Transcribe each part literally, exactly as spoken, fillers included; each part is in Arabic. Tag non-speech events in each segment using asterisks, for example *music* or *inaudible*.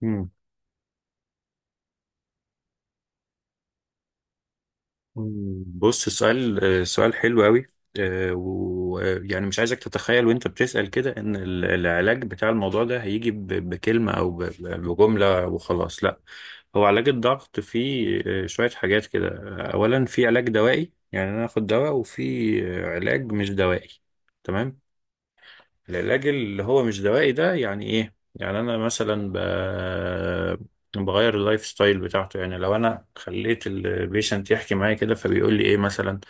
مم. مم. بص، سؤال سؤال حلو قوي. ويعني مش عايزك تتخيل وانت بتسأل كده ان ال- العلاج بتاع الموضوع ده هيجي ب- بكلمة او ب- ب- بجملة وخلاص. لا، هو علاج الضغط فيه آه، شوية حاجات كده. آه، اولا في علاج دوائي، يعني انا اخد دواء، وفي آه، علاج مش دوائي. تمام. العلاج اللي هو مش دوائي ده يعني ايه؟ يعني انا مثلا ب... بغير اللايف ستايل بتاعته. يعني لو انا خليت البيشنت يحكي معايا كده، فبيقول لي ايه مثلا؟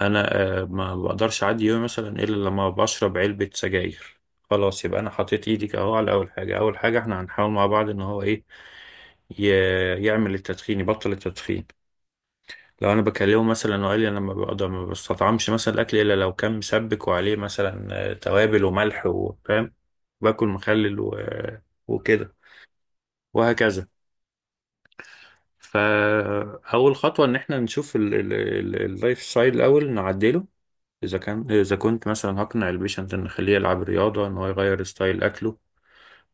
انا آه، ما بقدرش اعدي يومي مثلا الا لما بشرب علبة سجاير. خلاص، يبقى انا حطيت ايدك اهو على اول حاجة. اول حاجة احنا هنحاول مع بعض ان هو ايه؟ ي... يعمل التدخين، يبطل التدخين. لو انا بكلمه مثلا وقال لي انا ما بقدر، ما بستطعمش مثلا الاكل الا لو كان مسبك وعليه مثلا آه، توابل وملح، وفاهم، باكل مخلل و... آه، وكده وهكذا. فاول خطوه ان احنا نشوف ال- ال- ال- اللايف ستايل الاول نعدله. اذا كان اذا كنت مثلا هقنع البيشنت ان نخليه يلعب رياضه، ان هو يغير ستايل اكله،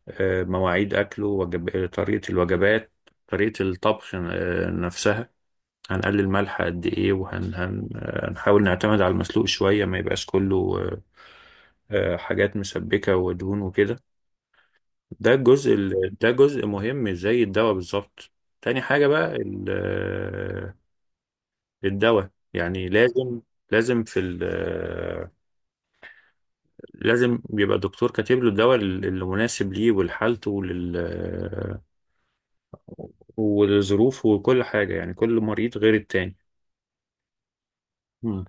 آه، مواعيد اكله، وجب... طريقه الوجبات، طريقه الطبخ آه، نفسها. هنقلل ملح قد ايه، وهن هن آه، هنحاول نعتمد على المسلوق شوية، ما يبقاش كله آه، آه، حاجات مسبكة ودهون وكده. ده الجزء ال- ده جزء مهم زي الدواء بالظبط. تاني حاجة بقى ال- آه، الدواء يعني لازم. لازم في ال آه، لازم بيبقى الدكتور كاتب له الدواء اللي مناسب ليه ولحالته ولل آه، ولظروفه وكل حاجة. يعني كل مريض غير التاني. مم.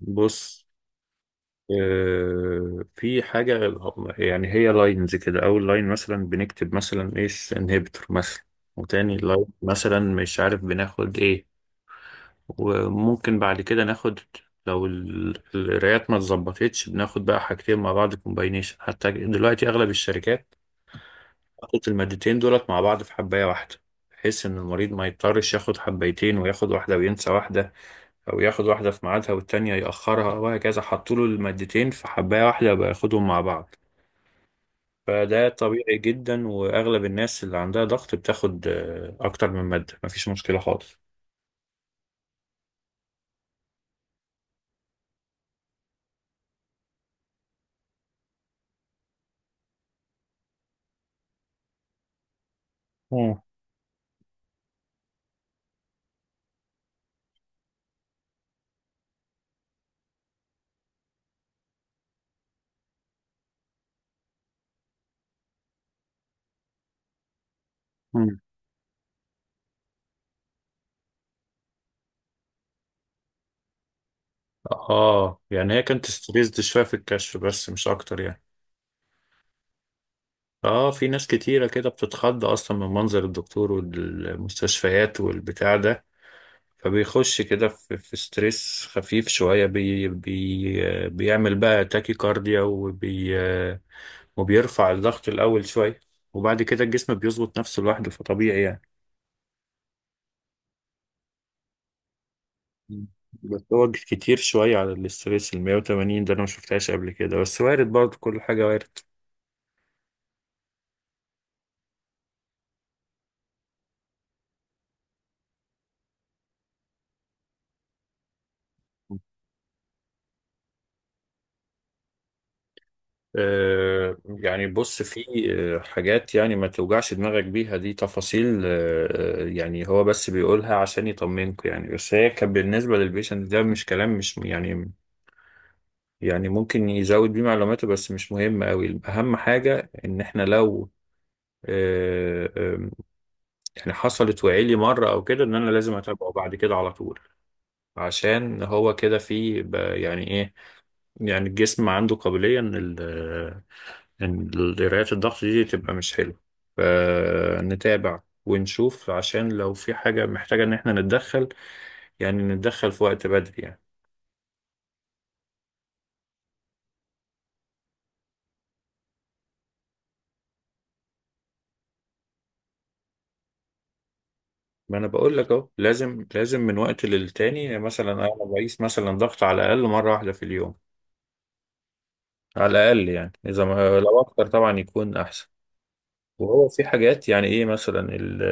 بص، آه، في حاجة. يعني هي لاينز كده. أول لاين مثلا بنكتب مثلا إيه، انهبيتور مثلا. وتاني لاين مثلا مش عارف بناخد إيه. وممكن بعد كده ناخد لو ال- القرايات ما اتظبطتش بناخد بقى حاجتين مع بعض كومباينيشن. حتى دلوقتي أغلب الشركات حطت المادتين دولت مع بعض في حباية واحدة، بحيث إن المريض ما يضطرش ياخد حبايتين وياخد واحدة وينسى واحدة، او ياخد واحده في ميعادها والتانيه ياخرها وهكذا. حطوا له المادتين في حبايه واحده بقى ياخدهم مع بعض. فده طبيعي جدا، واغلب الناس اللي عندها ضغط بتاخد آه، اكتر من ماده، مفيش مشكله خالص. مم. مم. اه، يعني هي كانت ستريسد شويه في الكشف، بس مش اكتر يعني. اه، في ناس كتيره كده بتتخض اصلا من منظر الدكتور والمستشفيات والبتاع ده، فبيخش كده في, في ستريس خفيف شوية بي بي بيعمل بقى تاكي كارديا وبي وبيرفع الضغط الأول شوية، وبعد كده الجسم بيظبط نفسه لوحده. فطبيعي يعني. مم. بس هو كتير شوية على الاستريس، ال مية وتمانين ده أنا ما شفتهاش قبل كده، بس وارد برضه، كل حاجة وارد. آه، يعني بص، في آه، حاجات يعني ما توجعش دماغك بيها، دي تفاصيل آه، آه، يعني هو بس بيقولها عشان يطمنكوا يعني، بس هي كان بالنسبة للبيشنت ده مش كلام، مش يعني. يعني ممكن يزود بيه معلوماته، بس مش مهم قوي. أهم حاجة إن إحنا لو آه، آه، يعني حصلت وعيلي مرة أو كده، إن أنا لازم أتابعه بعد كده على طول. عشان هو كده في ب- يعني إيه، يعني الجسم عنده قابلية إن ال- إن القراءات الضغط دي تبقى مش حلوة، فنتابع ونشوف عشان لو في حاجة محتاجة إن إحنا نتدخل، يعني نتدخل في وقت بدري يعني. ما أنا بقول لك أهو، لازم لازم من وقت للتاني مثلا أنا بقيس مثلا ضغط على الأقل مرة واحدة في اليوم، على الأقل، يعني إذا ما لو أكتر طبعا يكون أحسن. وهو في حاجات يعني ايه مثلا ال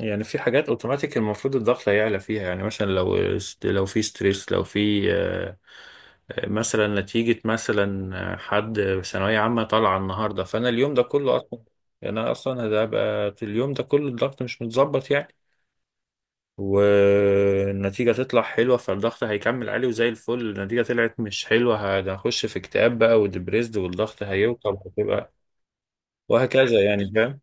يعني في حاجات اوتوماتيك المفروض الضغط هيعلى فيها، يعني مثلا لو، لو في ستريس، لو في مثلا نتيجة مثلا حد ثانوية عامة طالعة النهاردة، فأنا اليوم ده كله أصلا، يعني أنا أصلا هبقى في اليوم ده كله الضغط مش متظبط يعني. والنتيجة تطلع حلوة، فالضغط هيكمل عالي. وزي الفل، النتيجة طلعت مش حلوة، هنخش في اكتئاب بقى وديبريسد، والضغط هيوطى وهتبقى وهكذا يعني، فاهم.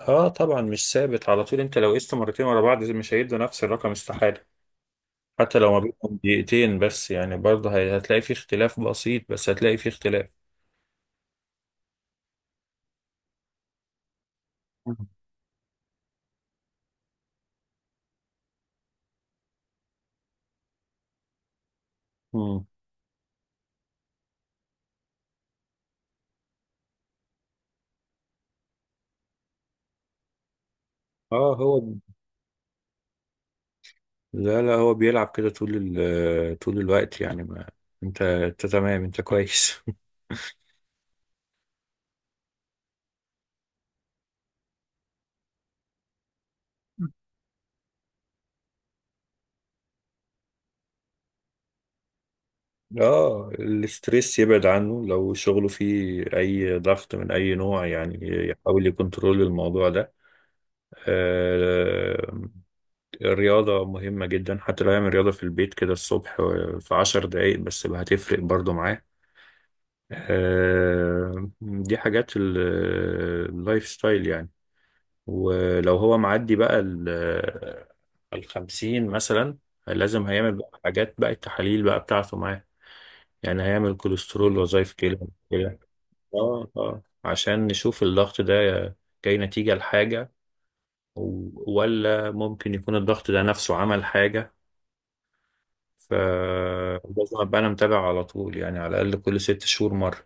اه طبعا، مش ثابت على طول. انت لو قست مرتين ورا بعض مش هيدوا نفس الرقم، استحالة. حتى لو ما بينهم دقيقتين بس، يعني برضه هي- هتلاقي في اختلاف بسيط، بس هتلاقي في اختلاف. مم. اه هو، لا لا، هو بيلعب كده طول ال... طول الوقت يعني. ما انت انت تمام، انت كويس. *laughs* اه، الاستريس يبعد عنه. لو شغله فيه اي ضغط من اي نوع يعني، يحاول يكنترول الموضوع ده. آه، الرياضة مهمة جدا، حتى لو يعمل رياضة في البيت كده الصبح في عشر دقايق بس بقى هتفرق برضو معاه. آه، دي حاجات ال- اللايف ستايل يعني. ولو هو معدي بقى ال الخمسين مثلا، لازم هيعمل بقى حاجات بقى، التحاليل بقى بتاعته معاه. يعني هيعمل كوليسترول، وظائف كلى، كده. اه اه، عشان نشوف الضغط ده جاي نتيجة لحاجة، و- ولا ممكن يكون الضغط ده نفسه عمل حاجة. ف لازم ابقى انا متابع على طول، يعني على الاقل كل ست شهور مرة.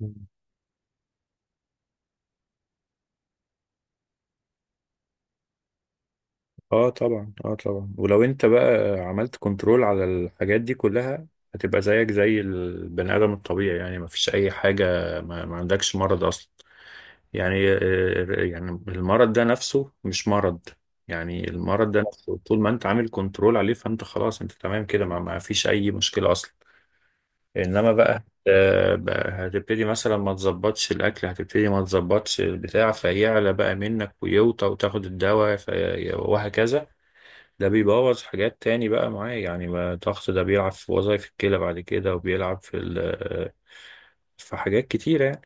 مم. اه طبعا، اه طبعا. ولو انت بقى عملت كنترول على الحاجات دي كلها، هتبقى زيك زي البني ادم الطبيعي، يعني ما فيش اي حاجه، ما, ما عندكش مرض اصلا، يعني آه، آه، يعني المرض ده نفسه مش مرض. يعني المرض ده نفسه طول ما انت عامل كنترول عليه فانت خلاص، انت تمام كده، ما, ما فيش اي مشكله اصلا. انما بقى آه، بقى هتبتدي مثلا ما تظبطش الاكل، هتبتدي ما تظبطش البتاع فيعلى بقى منك ويوطى وتاخد الدواء في- وهكذا. ده بيبوظ حاجات تاني بقى معاه يعني. ما الضغط ده بيلعب في وظائف الكلى بعد كده، وبيلعب في ال- في حاجات كتيرة يعني.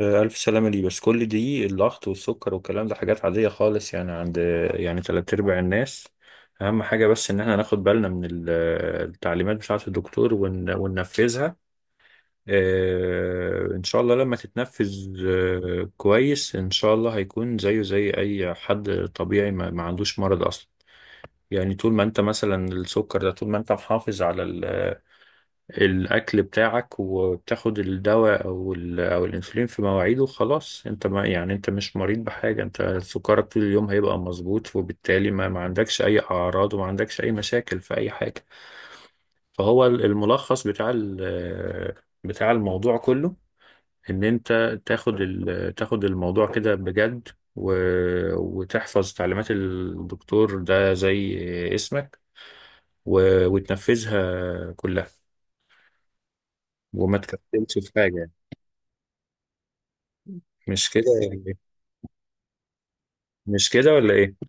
آه، ألف سلامة ليه، بس كل دي الضغط والسكر والكلام ده حاجات عادية خالص، يعني عند يعني تلات أرباع الناس. أهم حاجة بس إن احنا ناخد بالنا من ال- التعليمات بتاعة الدكتور ون- وننفذها. آه، إن شاء الله لما تتنفذ آه، كويس، إن شاء الله هيكون زيه زي أي حد طبيعي ما ما عندوش مرض أصلا. يعني طول ما انت مثلا السكر ده، طول ما انت محافظ على ال- الاكل بتاعك، وبتاخد الدواء او ال- او الانسولين في مواعيده، خلاص انت، ما يعني انت مش مريض بحاجه. انت سكرك طول اليوم هيبقى مظبوط، وبالتالي ما, ما عندكش اي اعراض، وما عندكش اي مشاكل في اي حاجه. فهو ال- الملخص بتاع ال- بتاع الموضوع كله، ان انت تاخد ال- تاخد الموضوع كده بجد، و- وتحفظ تعليمات الدكتور ده زي اسمك و... وتنفذها كلها، وما تكفلش في حاجة يعني. مش كده يعني؟ مش كده ولا ايه؟